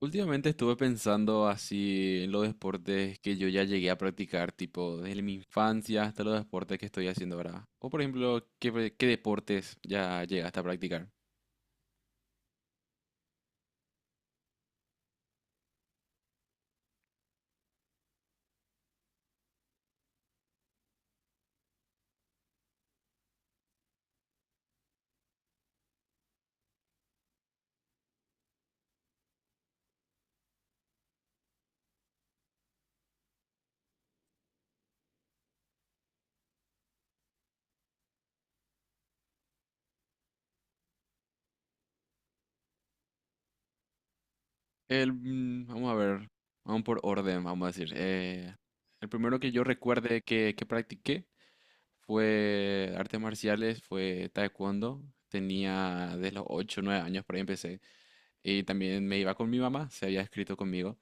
Últimamente estuve pensando así en los deportes que yo ya llegué a practicar, tipo desde mi infancia hasta los deportes que estoy haciendo ahora. O por ejemplo, ¿qué deportes ya llegaste a practicar? Vamos a ver, vamos por orden, vamos a decir. El primero que yo recuerde que practiqué fue artes marciales, fue taekwondo. Tenía desde los ocho o 9 años por ahí empecé. Y también me iba con mi mamá, se había escrito conmigo.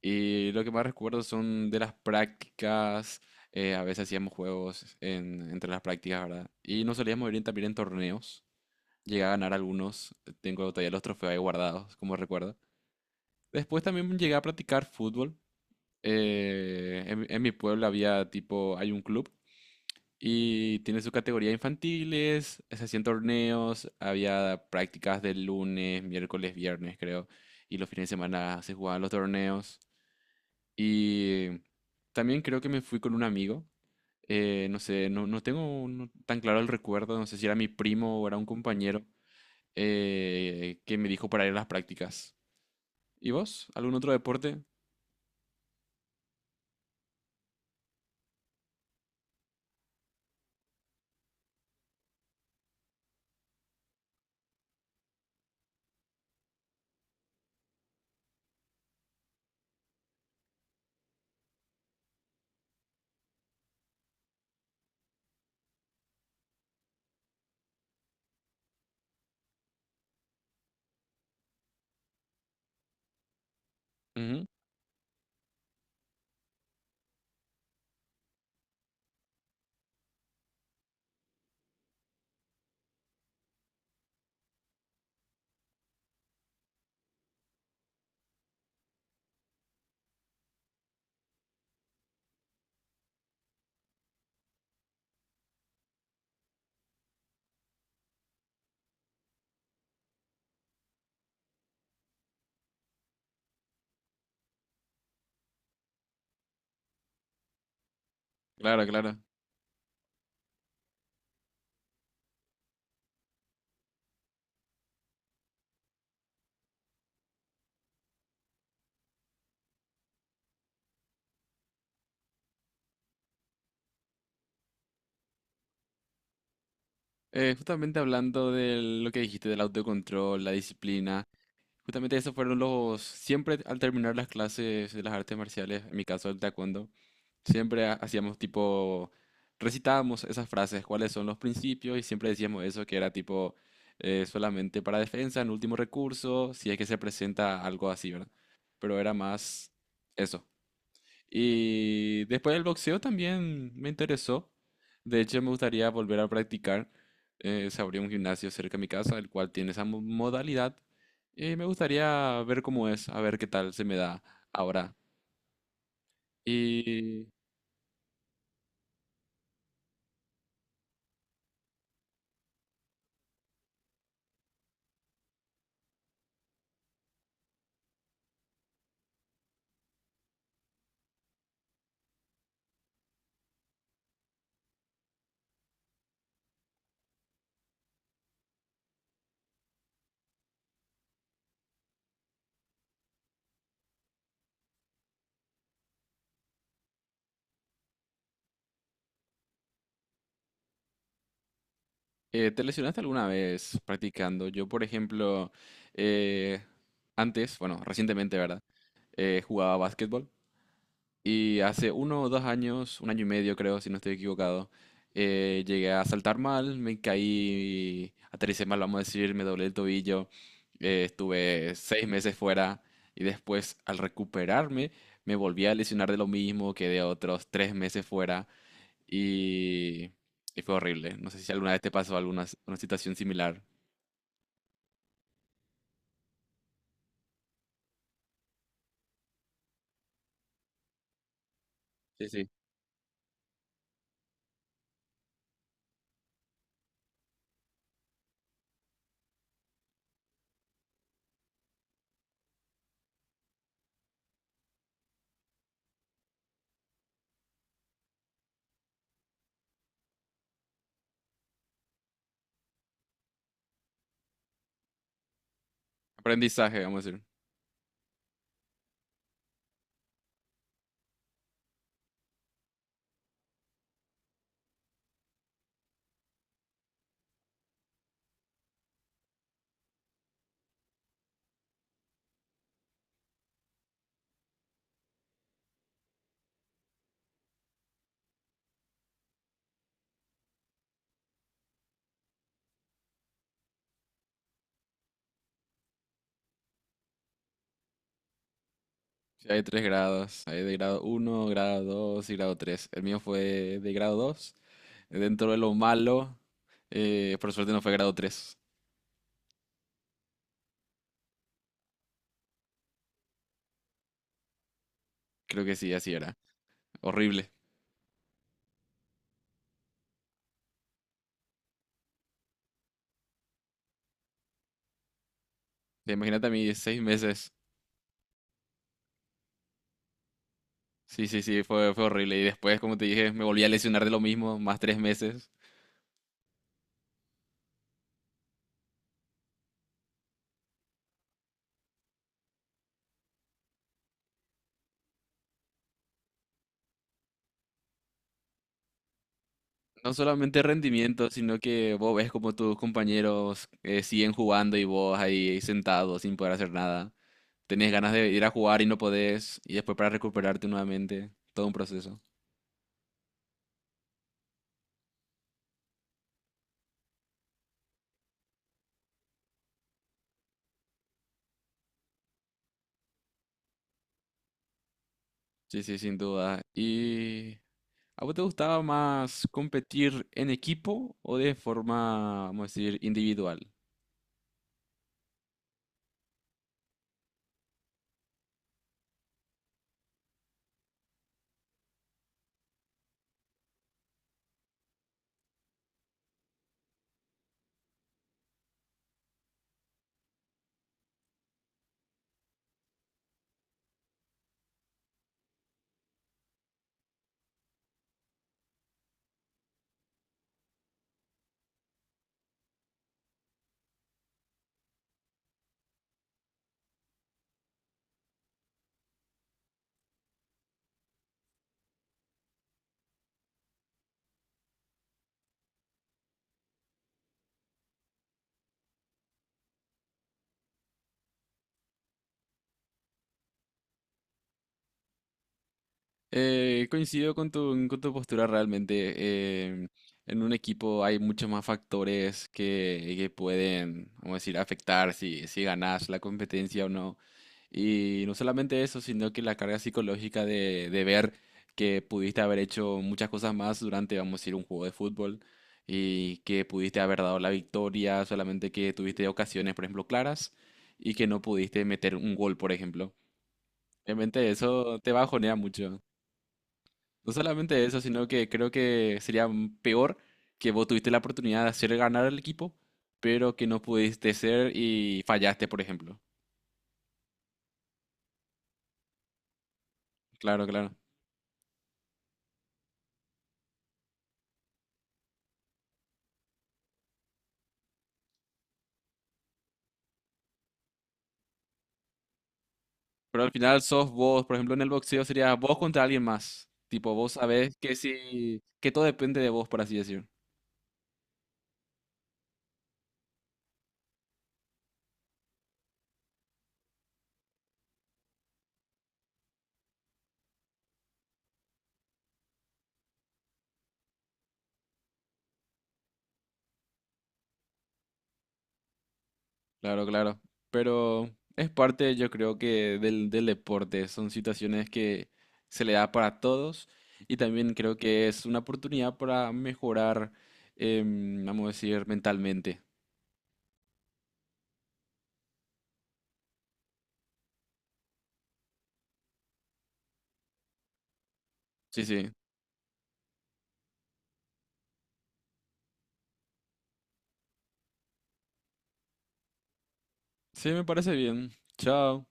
Y lo que más recuerdo son de las prácticas. A veces hacíamos entre las prácticas, ¿verdad? Y nos solíamos ir también en torneos. Llegué a ganar algunos, tengo todavía los trofeos ahí guardados, como recuerdo. Después también llegué a practicar fútbol. En mi pueblo hay un club y tiene su categoría infantiles, se hacían torneos, había prácticas de lunes, miércoles, viernes, creo, y los fines de semana se jugaban los torneos. Y también creo que me fui con un amigo. No sé, no tengo tan claro el recuerdo. No sé si era mi primo o era un compañero que me dijo para ir a las prácticas. ¿Y vos? ¿Algún otro deporte? Ujú. Claro, claro. Justamente hablando de lo que dijiste del autocontrol, la disciplina. Justamente esos fueron los, siempre al terminar las clases de las artes marciales, en mi caso el taekwondo, siempre hacíamos tipo, recitábamos esas frases, cuáles son los principios y siempre decíamos eso, que era tipo solamente para defensa, en último recurso, si es que se presenta algo así, ¿verdad? Pero era más eso. Y después el boxeo también me interesó. De hecho, me gustaría volver a practicar. Se abrió un gimnasio cerca de mi casa, el cual tiene esa modalidad. Y me gustaría ver cómo es, a ver qué tal se me da ahora. ¿Y te lesionaste alguna vez practicando? Yo, por ejemplo, eh, antes, bueno, recientemente, ¿verdad? Jugaba básquetbol. Y hace uno o dos años, un año y medio creo, si no estoy equivocado, llegué a saltar mal, me caí, aterricé mal, vamos a decir, me doblé el tobillo. Estuve 6 meses fuera y después al recuperarme me volví a lesionar de lo mismo, quedé otros 3 meses fuera y, y fue horrible. No sé si alguna vez te pasó una situación similar. Sí, sí. Aprendizaje, vamos a decir. Sí, hay tres grados, hay de grado uno, grado 2 y grado tres. El mío fue de grado 2 dentro de lo malo. Por suerte no fue grado tres. Creo que sí, así era. Horrible. Te imagínate a mí, 6 meses. Sí, sí, sí, fue horrible. Y después, como te dije, me volví a lesionar de lo mismo, más 3 meses. No solamente rendimiento, sino que vos ves como tus compañeros siguen jugando y vos ahí sentado sin poder hacer nada. Tenés ganas de ir a jugar y no podés. Y después para recuperarte nuevamente. Todo un proceso. Sí, sí, sin duda. Y ¿a vos te gustaba más competir en equipo o de forma, vamos a decir, individual? Coincido con con tu postura realmente. En un equipo hay muchos más factores que pueden, vamos a decir, afectar si ganas la competencia o no. Y no solamente eso, sino que la carga psicológica de ver que pudiste haber hecho muchas cosas más durante, vamos a decir, un juego de fútbol y que pudiste haber dado la victoria, solamente que tuviste ocasiones, por ejemplo, claras y que no pudiste meter un gol, por ejemplo. Obviamente eso te bajonea mucho. No solamente eso, sino que creo que sería peor que vos tuviste la oportunidad de hacer ganar al equipo, pero que no pudiste ser y fallaste, por ejemplo. Claro, claro. Pero al final sos vos, por ejemplo, en el boxeo sería vos contra alguien más. Tipo, vos sabés que si, que todo depende de vos, por así decir. Claro, claro. Pero es parte, yo creo que del deporte. Son situaciones que se le da para todos. Y también creo que es una oportunidad para mejorar, vamos a decir, mentalmente. Sí, sí. Sí, me parece bien. Chao.